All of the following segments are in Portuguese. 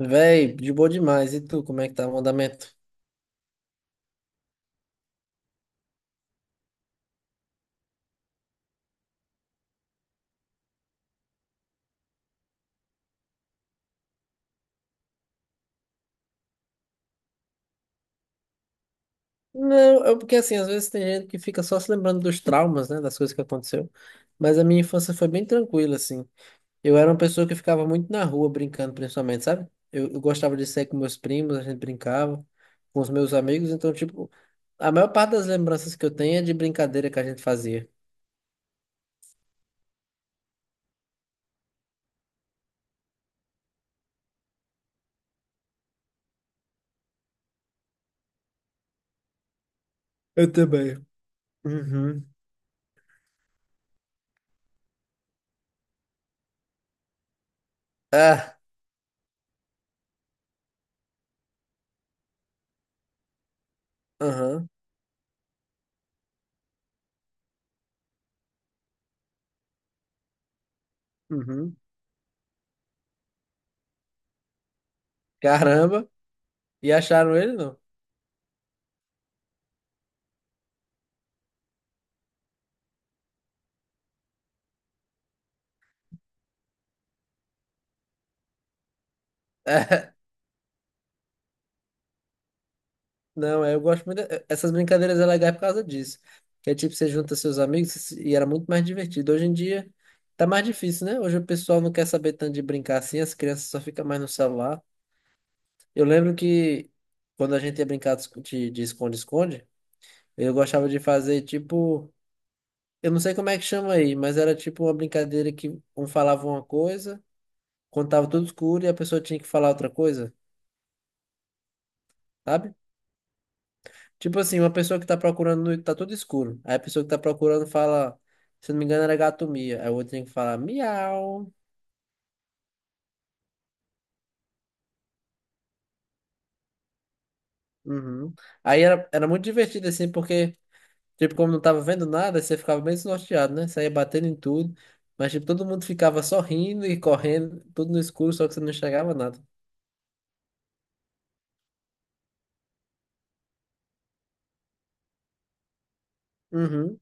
Véi, de boa demais. E tu, como é que tá o andamento? Não, é porque assim, às vezes tem gente que fica só se lembrando dos traumas, né, das coisas que aconteceu. Mas a minha infância foi bem tranquila, assim. Eu era uma pessoa que ficava muito na rua brincando, principalmente, sabe? Eu gostava de sair com meus primos, a gente brincava com os meus amigos. Então, tipo, a maior parte das lembranças que eu tenho é de brincadeira que a gente fazia. Eu também. Uhum. Ah, aham, uhum. Caramba. E acharam ele, não? Não, é, eu gosto muito. É, essas brincadeiras é legal por causa disso. Que é tipo, você junta seus amigos e era muito mais divertido. Hoje em dia tá mais difícil, né? Hoje o pessoal não quer saber tanto de brincar assim, as crianças só ficam mais no celular. Eu lembro que quando a gente ia brincar de esconde-esconde, eu gostava de fazer tipo. Eu não sei como é que chama aí, mas era tipo uma brincadeira que um falava uma coisa, contava tudo escuro e a pessoa tinha que falar outra coisa, sabe? Tipo assim, uma pessoa que tá procurando, tá tudo escuro. Aí a pessoa que tá procurando fala, se não me engano, era gato mia. Aí o outro tem que falar miau. Uhum. Aí era, era muito divertido, assim, porque, tipo, como não tava vendo nada, você ficava bem desnorteado, né? Saía batendo em tudo. Mas, tipo, todo mundo ficava sorrindo e correndo, tudo no escuro, só que você não enxergava nada. Uhum.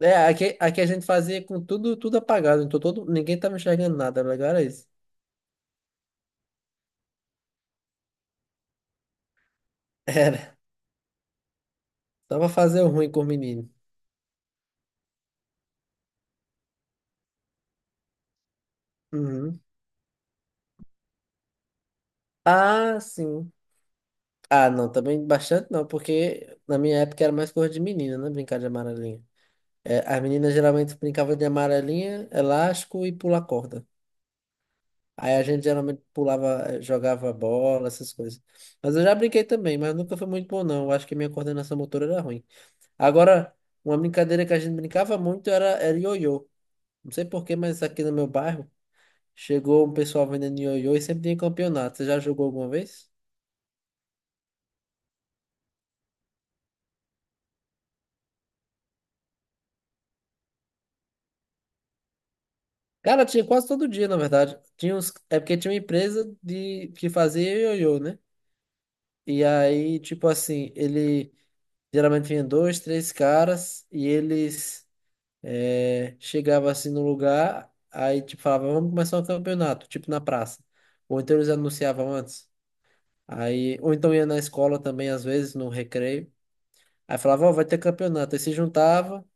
É, aqui a gente fazia com tudo, tudo apagado, então todo, ninguém tava enxergando nada, o legal era isso. Era, só pra fazer o ruim com o menino. Uhum. Ah, sim. Ah, não, também bastante não, porque na minha época era mais coisa de menina, né? Brincar de amarelinha. É, as meninas geralmente brincavam de amarelinha, elástico e pular corda. Aí a gente geralmente pulava, jogava bola, essas coisas. Mas eu já brinquei também, mas nunca foi muito bom, não. Eu acho que minha coordenação motora era ruim. Agora, uma brincadeira que a gente brincava muito era, era ioiô. Não sei por quê, mas aqui no meu bairro chegou um pessoal vendendo ioiô e sempre tinha campeonato. Você já jogou alguma vez? Cara, tinha quase todo dia, na verdade. Tinha uns... É porque tinha uma empresa de... que fazia ioiô, né? E aí, tipo assim, ele geralmente vinha dois, três caras e eles chegavam assim no lugar, aí tipo falava vamos começar um campeonato, tipo na praça. Ou então eles anunciavam antes. Aí... Ou então ia na escola também, às vezes, no recreio. Aí falava, ó, vai ter campeonato. Aí se juntava.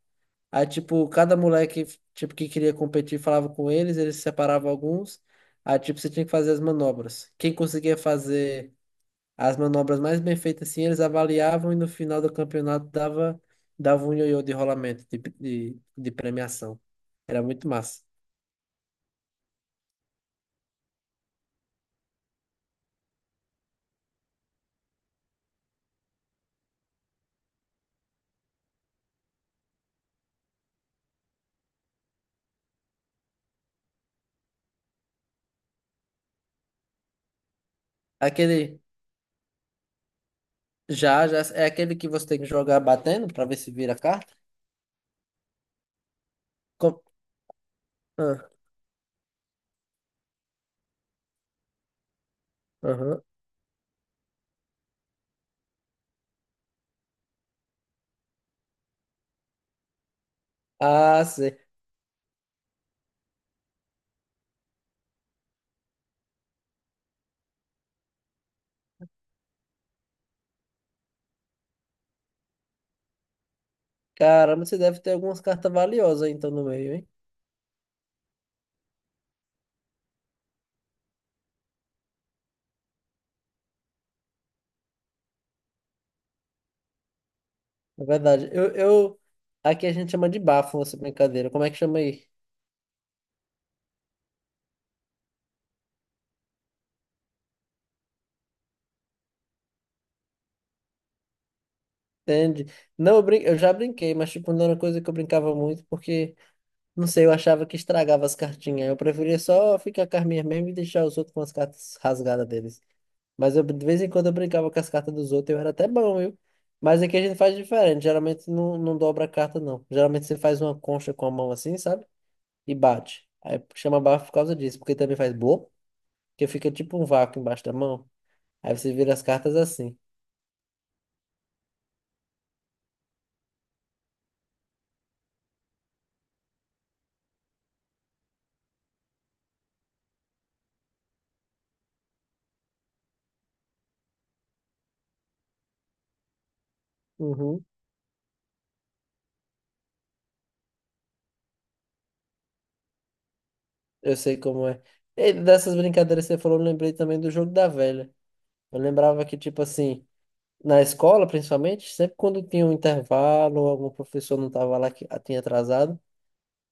Aí, tipo, cada moleque, tipo, que queria competir falava com eles, eles separavam alguns. Aí, tipo, você tinha que fazer as manobras. Quem conseguia fazer as manobras mais bem feitas, assim, eles avaliavam e no final do campeonato dava, dava um ioiô de rolamento, de premiação. Era muito massa. Aquele, já, é aquele que você tem que jogar batendo pra ver se vira a carta? Com... Ah, aham. Ah, sei. Caramba, você deve ter algumas cartas valiosas aí, então no meio, hein? É verdade. Aqui a gente chama de bafo essa brincadeira. Como é que chama aí? Entende? Não, eu já brinquei, mas tipo, não era uma coisa que eu brincava muito, porque, não sei, eu achava que estragava as cartinhas. Eu preferia só ficar com as minhas mesmo e deixar os outros com as cartas rasgadas deles. Mas eu, de vez em quando eu brincava com as cartas dos outros, eu era até bom, viu? Mas aqui a gente faz diferente. Geralmente não dobra a carta, não. Geralmente você faz uma concha com a mão assim, sabe? E bate. Aí chama bafo por causa disso, porque também faz bloco, que fica tipo um vácuo embaixo da mão. Aí você vira as cartas assim. Uhum. Eu sei como é. E dessas brincadeiras que você falou, eu lembrei também do jogo da velha. Eu lembrava que, tipo assim, na escola, principalmente, sempre quando tinha um intervalo, algum professor não tava lá que tinha atrasado.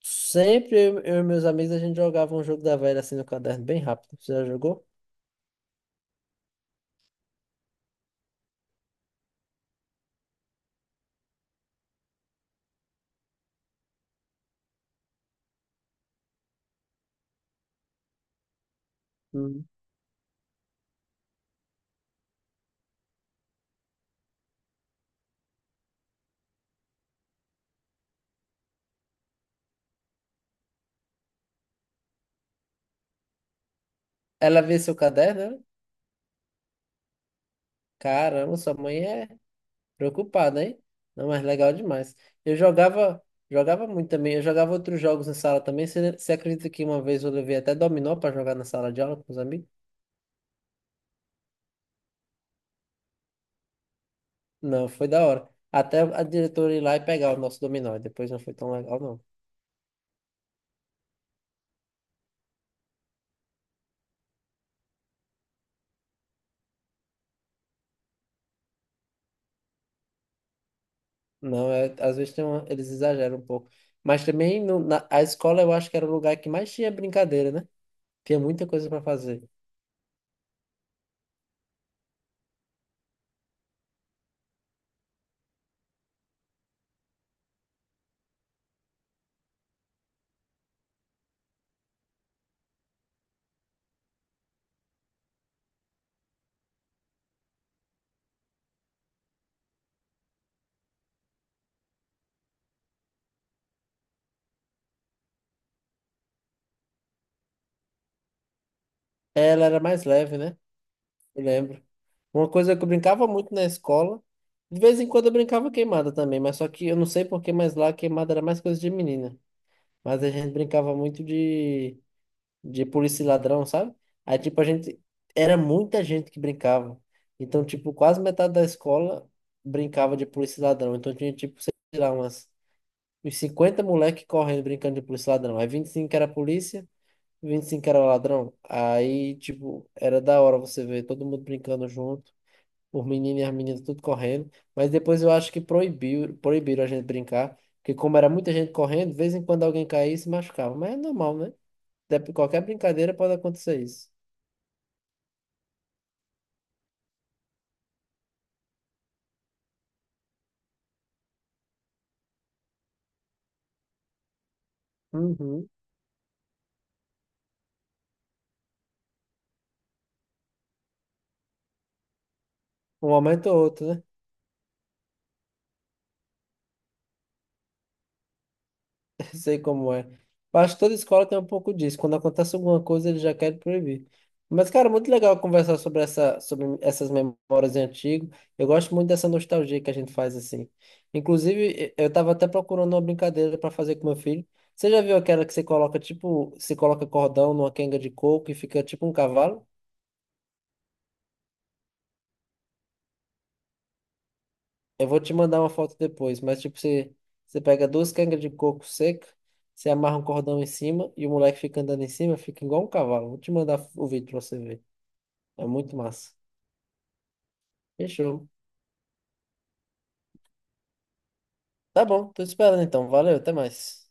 Sempre eu e meus amigos a gente jogava um jogo da velha assim no caderno, bem rápido. Você já jogou? Hum. Ela vê seu caderno, né? Caramba, sua mãe é preocupada, hein? Não, mas legal demais. Eu jogava, jogava muito também. Eu jogava outros jogos na sala também. Você acredita que uma vez eu levei até dominó para jogar na sala de aula com os amigos? Não, foi da hora. Até a diretora ir lá e pegar o nosso dominó. Depois não foi tão legal, não. Não, é, às vezes tem eles exageram um pouco. Mas também a escola eu acho que era o lugar que mais tinha brincadeira, né? Tinha muita coisa para fazer. Ela era mais leve, né? Eu lembro. Uma coisa que eu brincava muito na escola, de vez em quando eu brincava queimada também, mas só que eu não sei por que, mas lá queimada era mais coisa de menina. Mas a gente brincava muito de polícia e ladrão, sabe? Aí, tipo, a gente. Era muita gente que brincava. Então, tipo, quase metade da escola brincava de polícia e ladrão. Então tinha, tipo, sei lá, uns 50 moleque correndo brincando de polícia e ladrão. Aí 25 era polícia. 25 era ladrão. Aí, tipo, era da hora você ver todo mundo brincando junto, os meninos e as meninas tudo correndo. Mas depois eu acho que proibiram a gente brincar, porque como era muita gente correndo, de vez em quando alguém caía e se machucava. Mas é normal, né? Qualquer brincadeira pode acontecer isso. Uhum. Um momento ou outro, né? Sei como é. Acho que toda escola tem um pouco disso. Quando acontece alguma coisa, eles já querem proibir. Mas, cara, muito legal conversar sobre sobre essas memórias de antigo. Eu gosto muito dessa nostalgia que a gente faz assim. Inclusive, eu tava até procurando uma brincadeira para fazer com meu filho. Você já viu aquela que você coloca, tipo, você coloca cordão numa quenga de coco e fica tipo um cavalo? Eu vou te mandar uma foto depois, mas tipo, você pega duas cangas de coco seca, você amarra um cordão em cima e o moleque fica andando em cima, fica igual um cavalo. Vou te mandar o vídeo pra você ver. É muito massa. Fechou. Tá bom, tô te esperando então. Valeu, até mais.